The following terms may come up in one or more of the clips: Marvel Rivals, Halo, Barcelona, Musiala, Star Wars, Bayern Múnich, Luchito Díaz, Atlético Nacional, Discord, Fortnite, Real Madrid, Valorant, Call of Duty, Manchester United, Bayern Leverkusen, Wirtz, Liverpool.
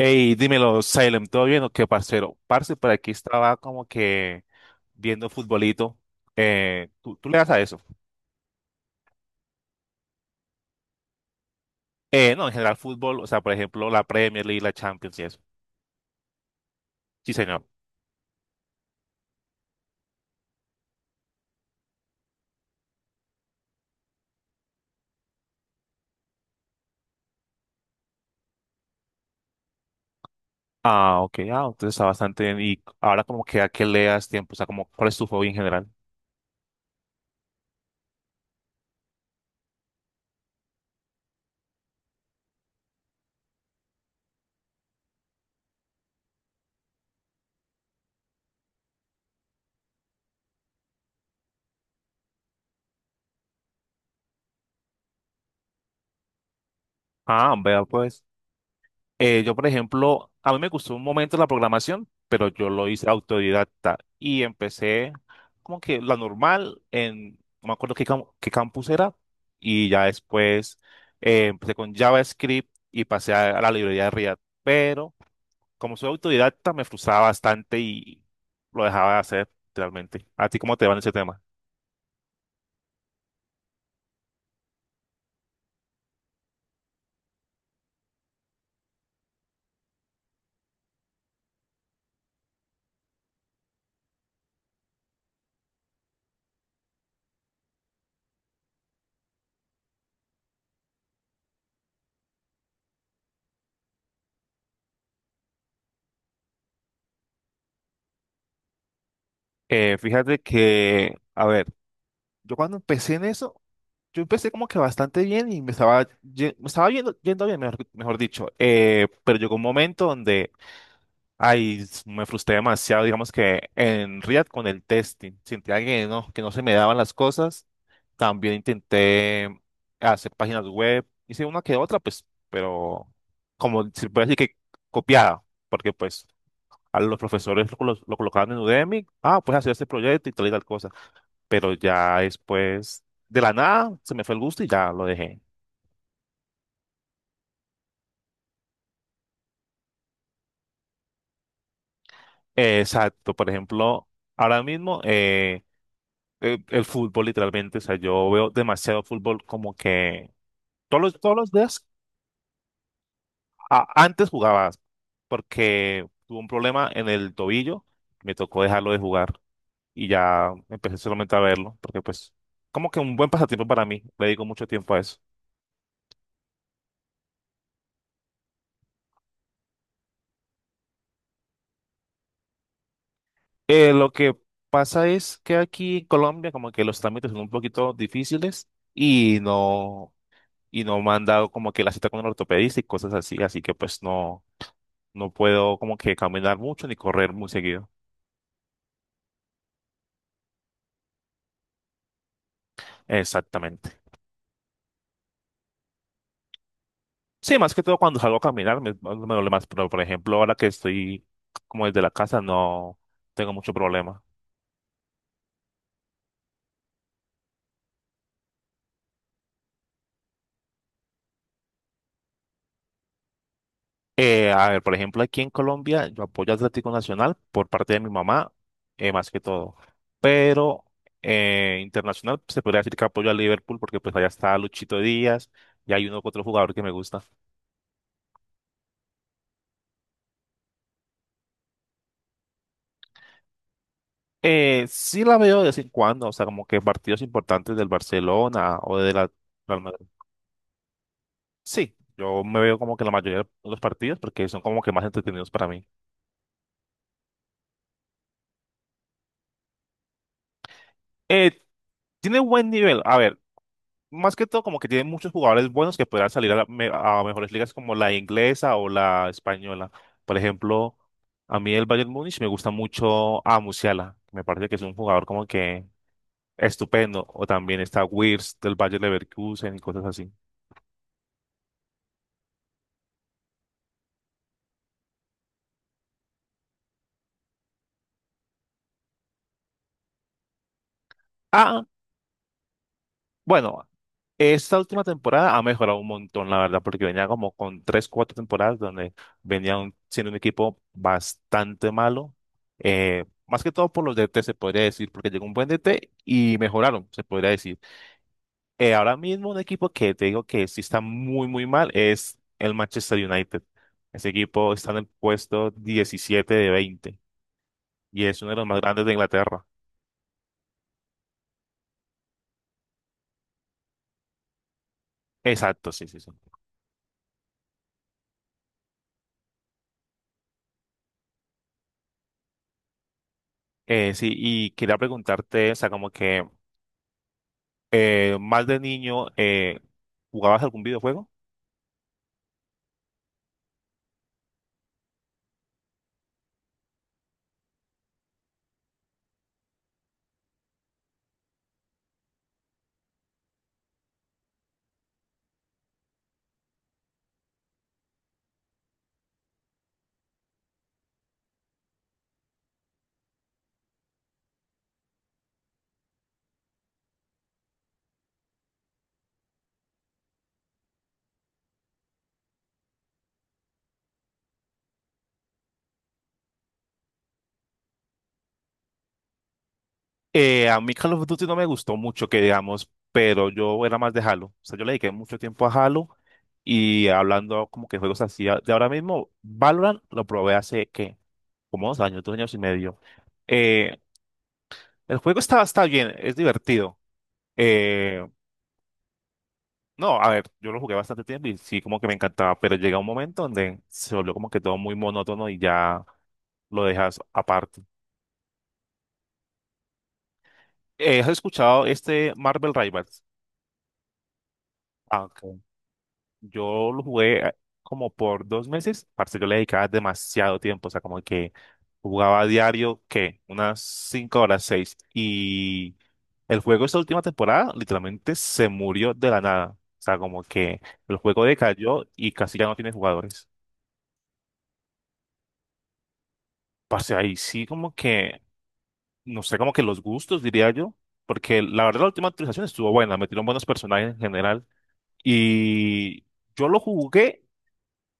Hey, dímelo, Salem, ¿todo bien o qué, parcero? Parce, por aquí estaba como que viendo futbolito. ¿Tú le das a eso? No, en general fútbol, o sea, por ejemplo, la Premier League, la Champions y eso. Sí, señor. Ah, ok, ah, entonces está bastante bien. Y ahora como que a qué le das tiempo, o sea, como, ¿cuál es tu hobby en general? Ah, vea pues. Yo, por ejemplo, a mí me gustó un momento la programación, pero yo lo hice autodidacta y empecé como que la normal en, no me acuerdo qué, qué campus era, y ya después empecé con JavaScript y pasé a la librería de React, pero como soy autodidacta me frustraba bastante y lo dejaba de hacer realmente. ¿A ti cómo te va en ese tema? Fíjate que, a ver, yo cuando empecé en eso yo empecé como que bastante bien y me estaba, me estaba yendo bien, mejor, mejor dicho. Pero llegó un momento donde, ay, me frustré demasiado, digamos que en React con el testing. Sentía que no se me daban las cosas. También intenté hacer páginas web. Hice una que otra, pues, pero como se puede decir que copiada, porque pues a los profesores lo, lo colocaban en Udemy. Ah, pues hacer este proyecto y tal cosa, pero ya después de la nada se me fue el gusto y ya lo dejé. Exacto, por ejemplo, ahora mismo el fútbol literalmente, o sea, yo veo demasiado fútbol como que todos los días, antes jugabas porque tuve un problema en el tobillo, me tocó dejarlo de jugar y ya empecé solamente a verlo porque pues como que un buen pasatiempo para mí, le dedico mucho tiempo a eso. Lo que pasa es que aquí en Colombia como que los trámites son un poquito difíciles y no me han dado como que la cita con el ortopedista y cosas así, así que pues no, no puedo como que caminar mucho ni correr muy seguido. Exactamente. Sí, más que todo cuando salgo a caminar me, me duele más, pero por ejemplo ahora que estoy como desde la casa no tengo mucho problema. A ver, por ejemplo, aquí en Colombia yo apoyo a Atlético Nacional por parte de mi mamá, más que todo. Pero internacional pues, se podría decir que apoyo a Liverpool porque pues allá está Luchito Díaz y hay uno que otro jugador que me gusta. Sí la veo de vez en cuando, o sea, como que partidos importantes del Barcelona o de la Real Madrid. Sí, yo me veo como que la mayoría de los partidos porque son como que más entretenidos para mí. Eh, Tiene buen nivel. A ver, más que todo como que tiene muchos jugadores buenos que podrán salir a, a mejores ligas como la inglesa o la española. Por ejemplo, a mí el Bayern Múnich me gusta mucho a Musiala. Me parece que es un jugador como que estupendo. O también está Wirtz del Bayern Leverkusen y cosas así. Ah, bueno, esta última temporada ha mejorado un montón, la verdad, porque venía como con tres, cuatro temporadas donde venía siendo un equipo bastante malo. Más que todo por los DT, se podría decir, porque llegó un buen DT y mejoraron, se podría decir. Ahora mismo un equipo que te digo que sí está muy, muy mal es el Manchester United. Ese equipo está en el puesto 17 de 20 y es uno de los más grandes de Inglaterra. Exacto, sí, sí, sí. Sí, y quería preguntarte, o sea, como que... más de niño, ¿jugabas algún videojuego? A mí Call of Duty no me gustó mucho, que digamos, pero yo era más de Halo. O sea, yo le dediqué mucho tiempo a Halo y hablando como que juegos así de ahora mismo, Valorant lo probé hace, ¿qué? Como dos años y medio. Eh, el juego está, está bien, es divertido. Eh, no, a ver, yo lo jugué bastante tiempo y sí, como que me encantaba, pero llega un momento donde se volvió como que todo muy monótono y ya lo dejas aparte. ¿Has escuchado este Marvel Rivals? Ah, ok, yo lo jugué como por dos meses. Parce, yo le dedicaba demasiado tiempo. O sea, como que jugaba a diario, ¿qué? Unas cinco horas, seis. Y el juego esta última temporada literalmente se murió de la nada. O sea, como que el juego decayó y casi ya no tiene jugadores. Parce, ahí sí como que, no sé, como que los gustos, diría yo. Porque la verdad la última actualización estuvo buena. Metieron buenos personajes en general. Y yo lo jugué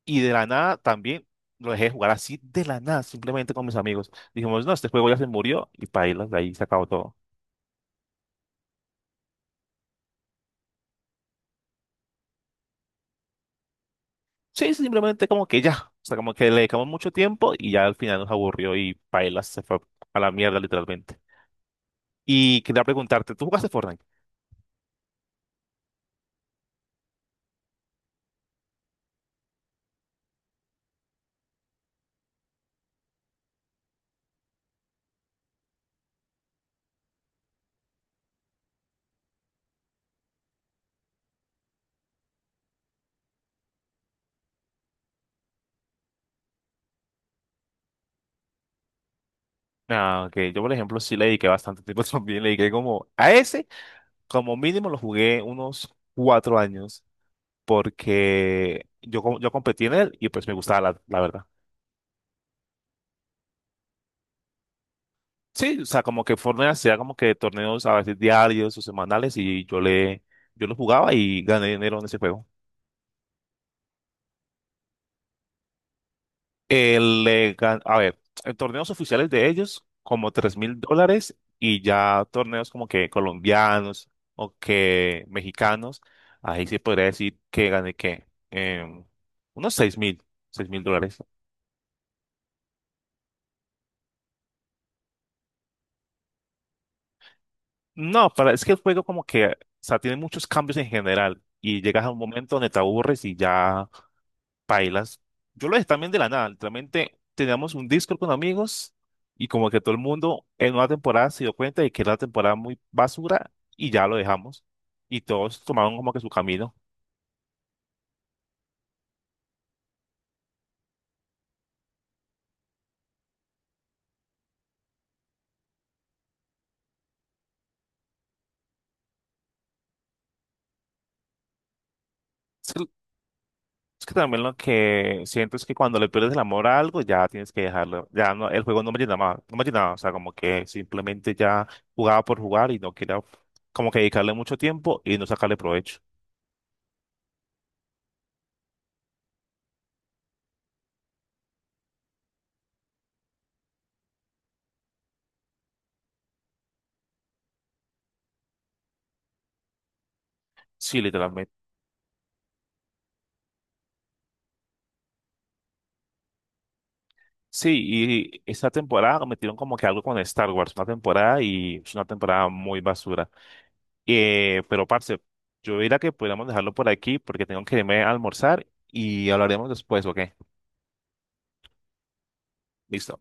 y de la nada también lo dejé de jugar así de la nada, simplemente con mis amigos. Dijimos, no, este juego ya se murió y paila, de ahí se acabó todo. Sí, sí, simplemente como que ya, o sea, como que le dedicamos mucho tiempo y ya al final nos aburrió y paila se fue a la mierda literalmente. Y quería preguntarte, ¿tú jugaste Fortnite? Ah, que yo, por ejemplo, sí le dediqué bastante tiempo también. Le dediqué como a ese, como mínimo lo jugué unos 4 años, porque yo, yo competí en él y pues me gustaba, la la verdad. Sí, o sea, como que Fortnite hacía como que torneos a veces diarios o semanales y yo le, yo lo jugaba y gané dinero en ese juego. El, a ver, en torneos oficiales de ellos, como $3000 y ya torneos como que colombianos o que mexicanos, ahí se podría decir que gané que em, unos 6000, $6000. No, para, es que el juego como que, o sea, tiene muchos cambios en general y llegas a un momento donde te aburres y ya pailas. Yo lo dejé también de la nada. Literalmente teníamos un Discord con amigos y como que todo el mundo en una temporada se dio cuenta de que era una temporada muy basura y ya lo dejamos. Y todos tomaron como que su camino. Es que, es que también lo que siento es que cuando le pierdes el amor a algo ya tienes que dejarlo. Ya no, el juego no me llenaba, no me llenaba. O sea, como que simplemente ya jugaba por jugar y no quería como que dedicarle mucho tiempo y no sacarle provecho. Sí, literalmente. Sí, y esta temporada metieron como que algo con Star Wars, una temporada y es una temporada muy basura. Pero, parce, yo diría que podríamos dejarlo por aquí porque tengo que irme a almorzar y hablaremos después, ¿ok? Listo.